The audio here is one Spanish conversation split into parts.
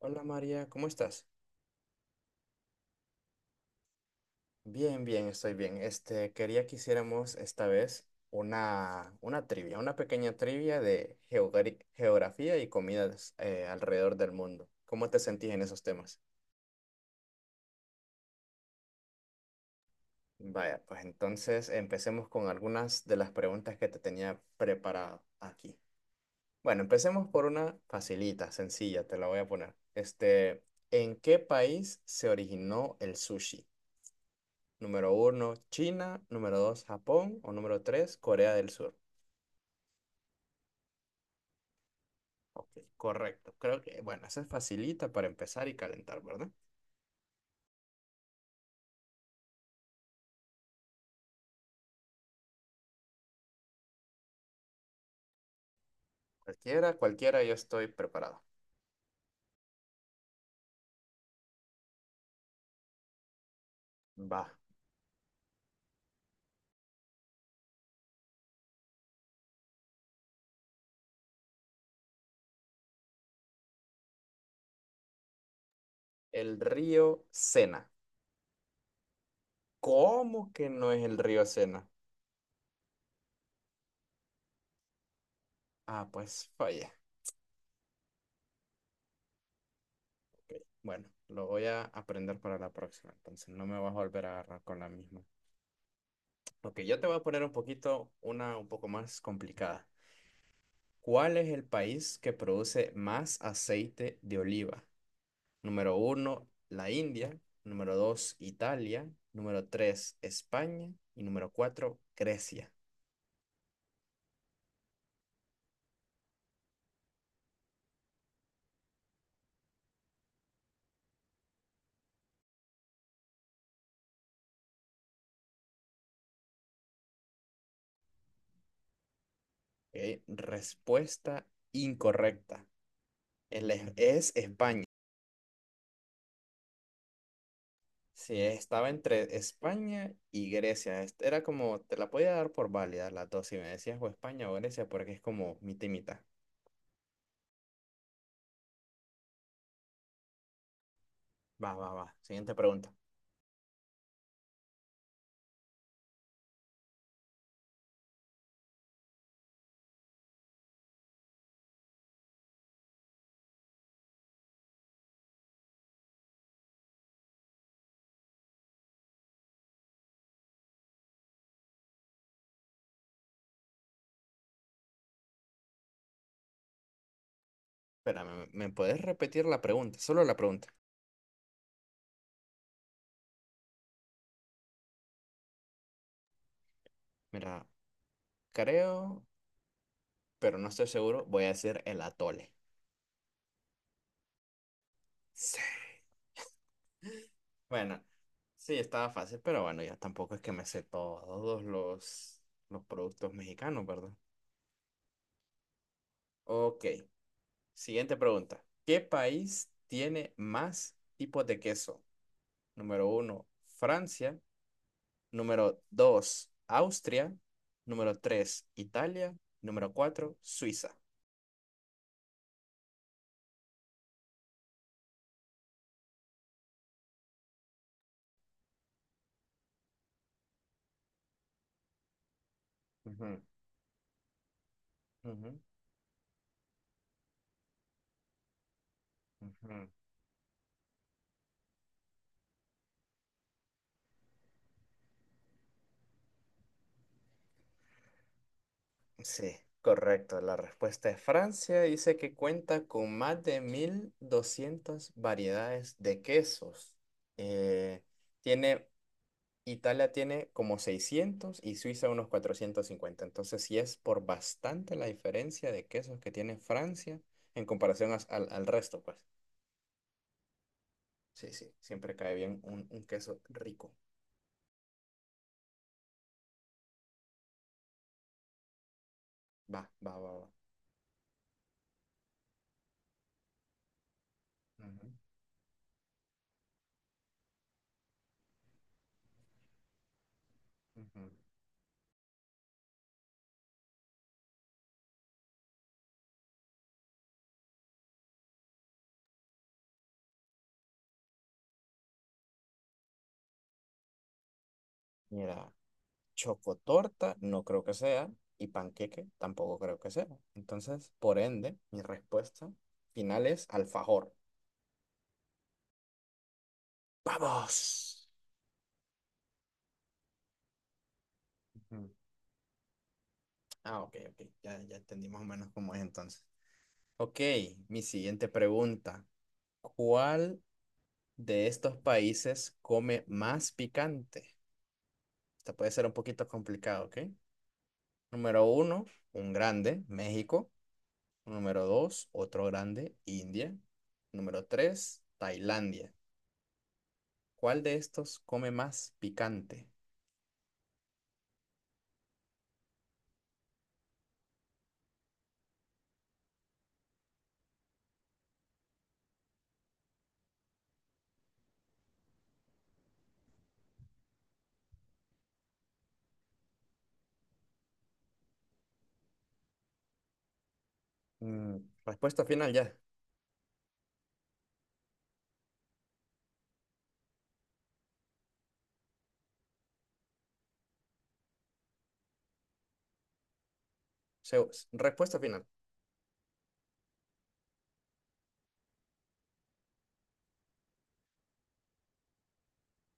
Hola María, ¿cómo estás? Bien, bien, estoy bien. Quería que hiciéramos esta vez una trivia, una pequeña trivia de geografía y comidas alrededor del mundo. ¿Cómo te sentís en esos temas? Vaya, pues entonces empecemos con algunas de las preguntas que te tenía preparado aquí. Bueno, empecemos por una facilita, sencilla, te la voy a poner. ¿En qué país se originó el sushi? Número uno, China. Número dos, Japón. O número tres, Corea del Sur. Ok, correcto. Creo que, bueno, eso es facilita para empezar y calentar, ¿verdad? Cualquiera, cualquiera, yo estoy preparado. Va. El río Sena. ¿Cómo que no es el río Sena? Ah, pues fallé. Bueno, lo voy a aprender para la próxima. Entonces no me vas a volver a agarrar con la misma. Ok, yo te voy a poner un poquito, una un poco más complicada. ¿Cuál es el país que produce más aceite de oliva? Número uno, la India. Número dos, Italia. Número tres, España. Y número cuatro, Grecia. Ok, respuesta incorrecta. Es España. Sí, estaba entre España y Grecia. Era como, te la podía dar por válida las dos, si me decías o España o Grecia, porque es como mitad y mitad. Va, va, va. Siguiente pregunta. Espérame, ¿me puedes repetir la pregunta? Solo la pregunta. Mira, creo, pero no estoy seguro, voy a decir el atole. Sí. Bueno, sí, estaba fácil, pero bueno, ya tampoco es que me sé todos los productos mexicanos, ¿verdad? Ok, siguiente pregunta. ¿Qué país tiene más tipos de queso? Número uno, Francia. Número dos, Austria. Número tres, Italia. Número cuatro, Suiza. Ujú, ujú, ujú. Sí, correcto. La respuesta es Francia. Dice que cuenta con más de 1200 variedades de quesos. Eh, tiene, Italia tiene como 600 y Suiza unos 450. Entonces sí es por bastante la diferencia de quesos que tiene Francia en comparación al resto, pues. Sí, sí, siempre cae bien un queso rico. Va, va, va, va. Ujú, ujú. Mira. Chocotorta no creo que sea y panqueque tampoco creo que sea. Entonces, por ende, mi respuesta final es alfajor. ¡Vamos! Ujú. Ah, ok, ok. Ya, ya entendí más o menos cómo es entonces. Ok, mi siguiente pregunta. ¿Cuál de estos países come más picante? Esta puede ser un poquito complicado, ¿ok? Número uno, un grande, México. Número dos, otro grande, India. Número tres, Tailandia. ¿Cuál de estos come más picante? Mm, Respuesta final ya. Respuesta final.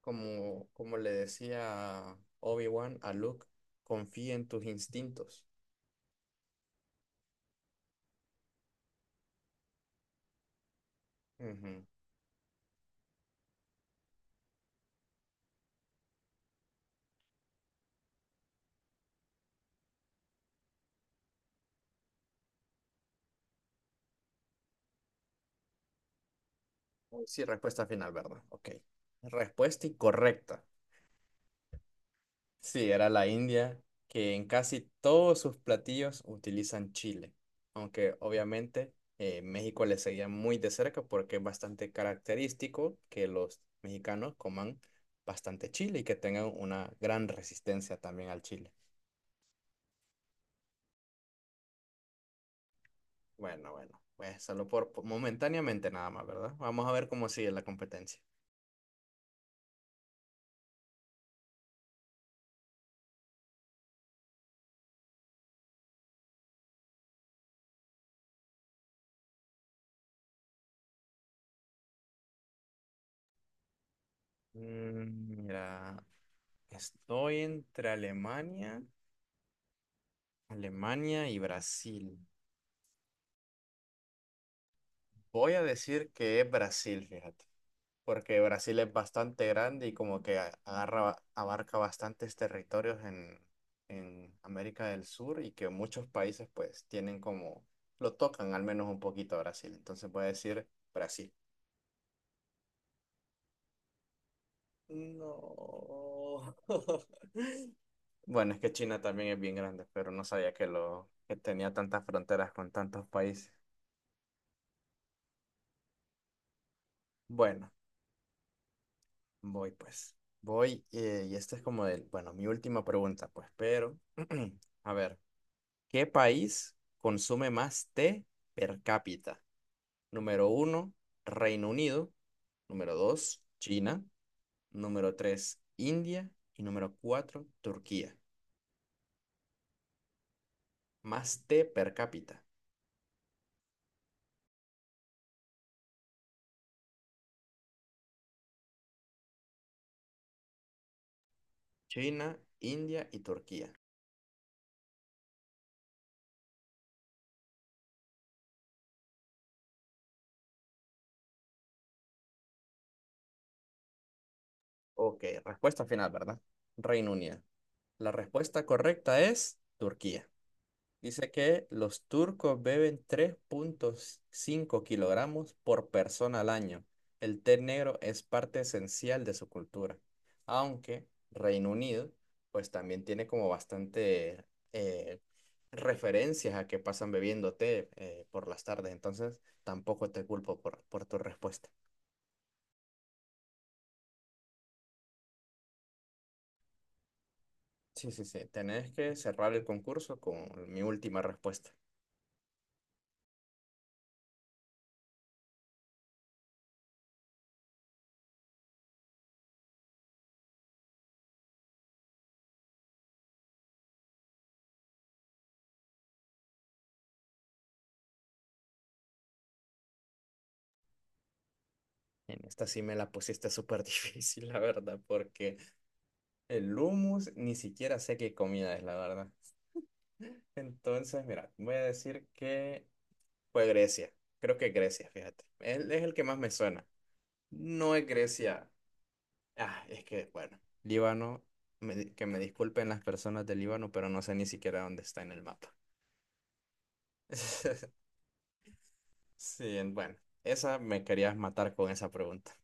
Como le decía Obi-Wan a Luke, confía en tus instintos. Ujú. Sí, respuesta final, ¿verdad? Ok. Respuesta incorrecta. Sí, era la India, que en casi todos sus platillos utilizan chile, aunque obviamente México le seguía muy de cerca porque es bastante característico que los mexicanos coman bastante chile y que tengan una gran resistencia también al chile. Bueno, bueno, pues solo por momentáneamente nada más, ¿verdad? Vamos a ver cómo sigue la competencia. Mira, estoy entre Alemania, y Brasil. Voy a decir que es Brasil, fíjate, porque Brasil es bastante grande y como que agarra, abarca bastantes territorios en, América del Sur y que muchos países pues tienen como, lo tocan al menos un poquito a Brasil. Entonces voy a decir Brasil. No. Bueno, es que China también es bien grande, pero no sabía que tenía tantas fronteras con tantos países. Bueno. Voy pues, voy y esta es como el, bueno, mi última pregunta pues, pero a ver, ¿qué país consume más té per cápita? Número uno, Reino Unido. Número dos, China. Número tres, India. Y número cuatro, Turquía. Más té per cápita. China, India y Turquía. Ok, respuesta final, ¿verdad? Reino Unido. La respuesta correcta es Turquía. Dice que los turcos beben 3,5 kilogramos por persona al año. El té negro es parte esencial de su cultura, aunque Reino Unido pues también tiene como bastante eh, referencias a que pasan bebiendo té por las tardes, entonces tampoco te culpo por tu respuesta. Sí, sí, sí, tenés que cerrar el concurso con mi última respuesta. En esta sí me la pusiste súper difícil, la verdad, porque el hummus, ni siquiera sé qué comida es, la verdad. Entonces, mira, voy a decir que fue Grecia. Creo que Grecia, fíjate. Él es el que más me suena. No es Grecia. Ah, es que, bueno, Líbano, que me disculpen las personas de Líbano, pero no sé ni siquiera dónde está en el mapa. Sí, bueno, esa me querías matar con esa pregunta.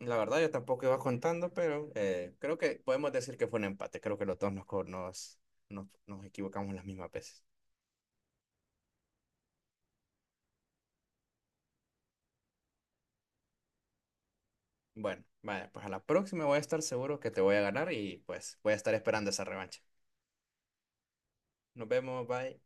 La verdad, yo tampoco iba contando, pero creo que podemos decir que fue un empate. Creo que los dos nos, co- nos, nos, nos equivocamos las mismas veces. Bueno, vaya, pues a la próxima voy a estar seguro que te voy a ganar y pues voy a estar esperando esa revancha. Nos vemos, bye.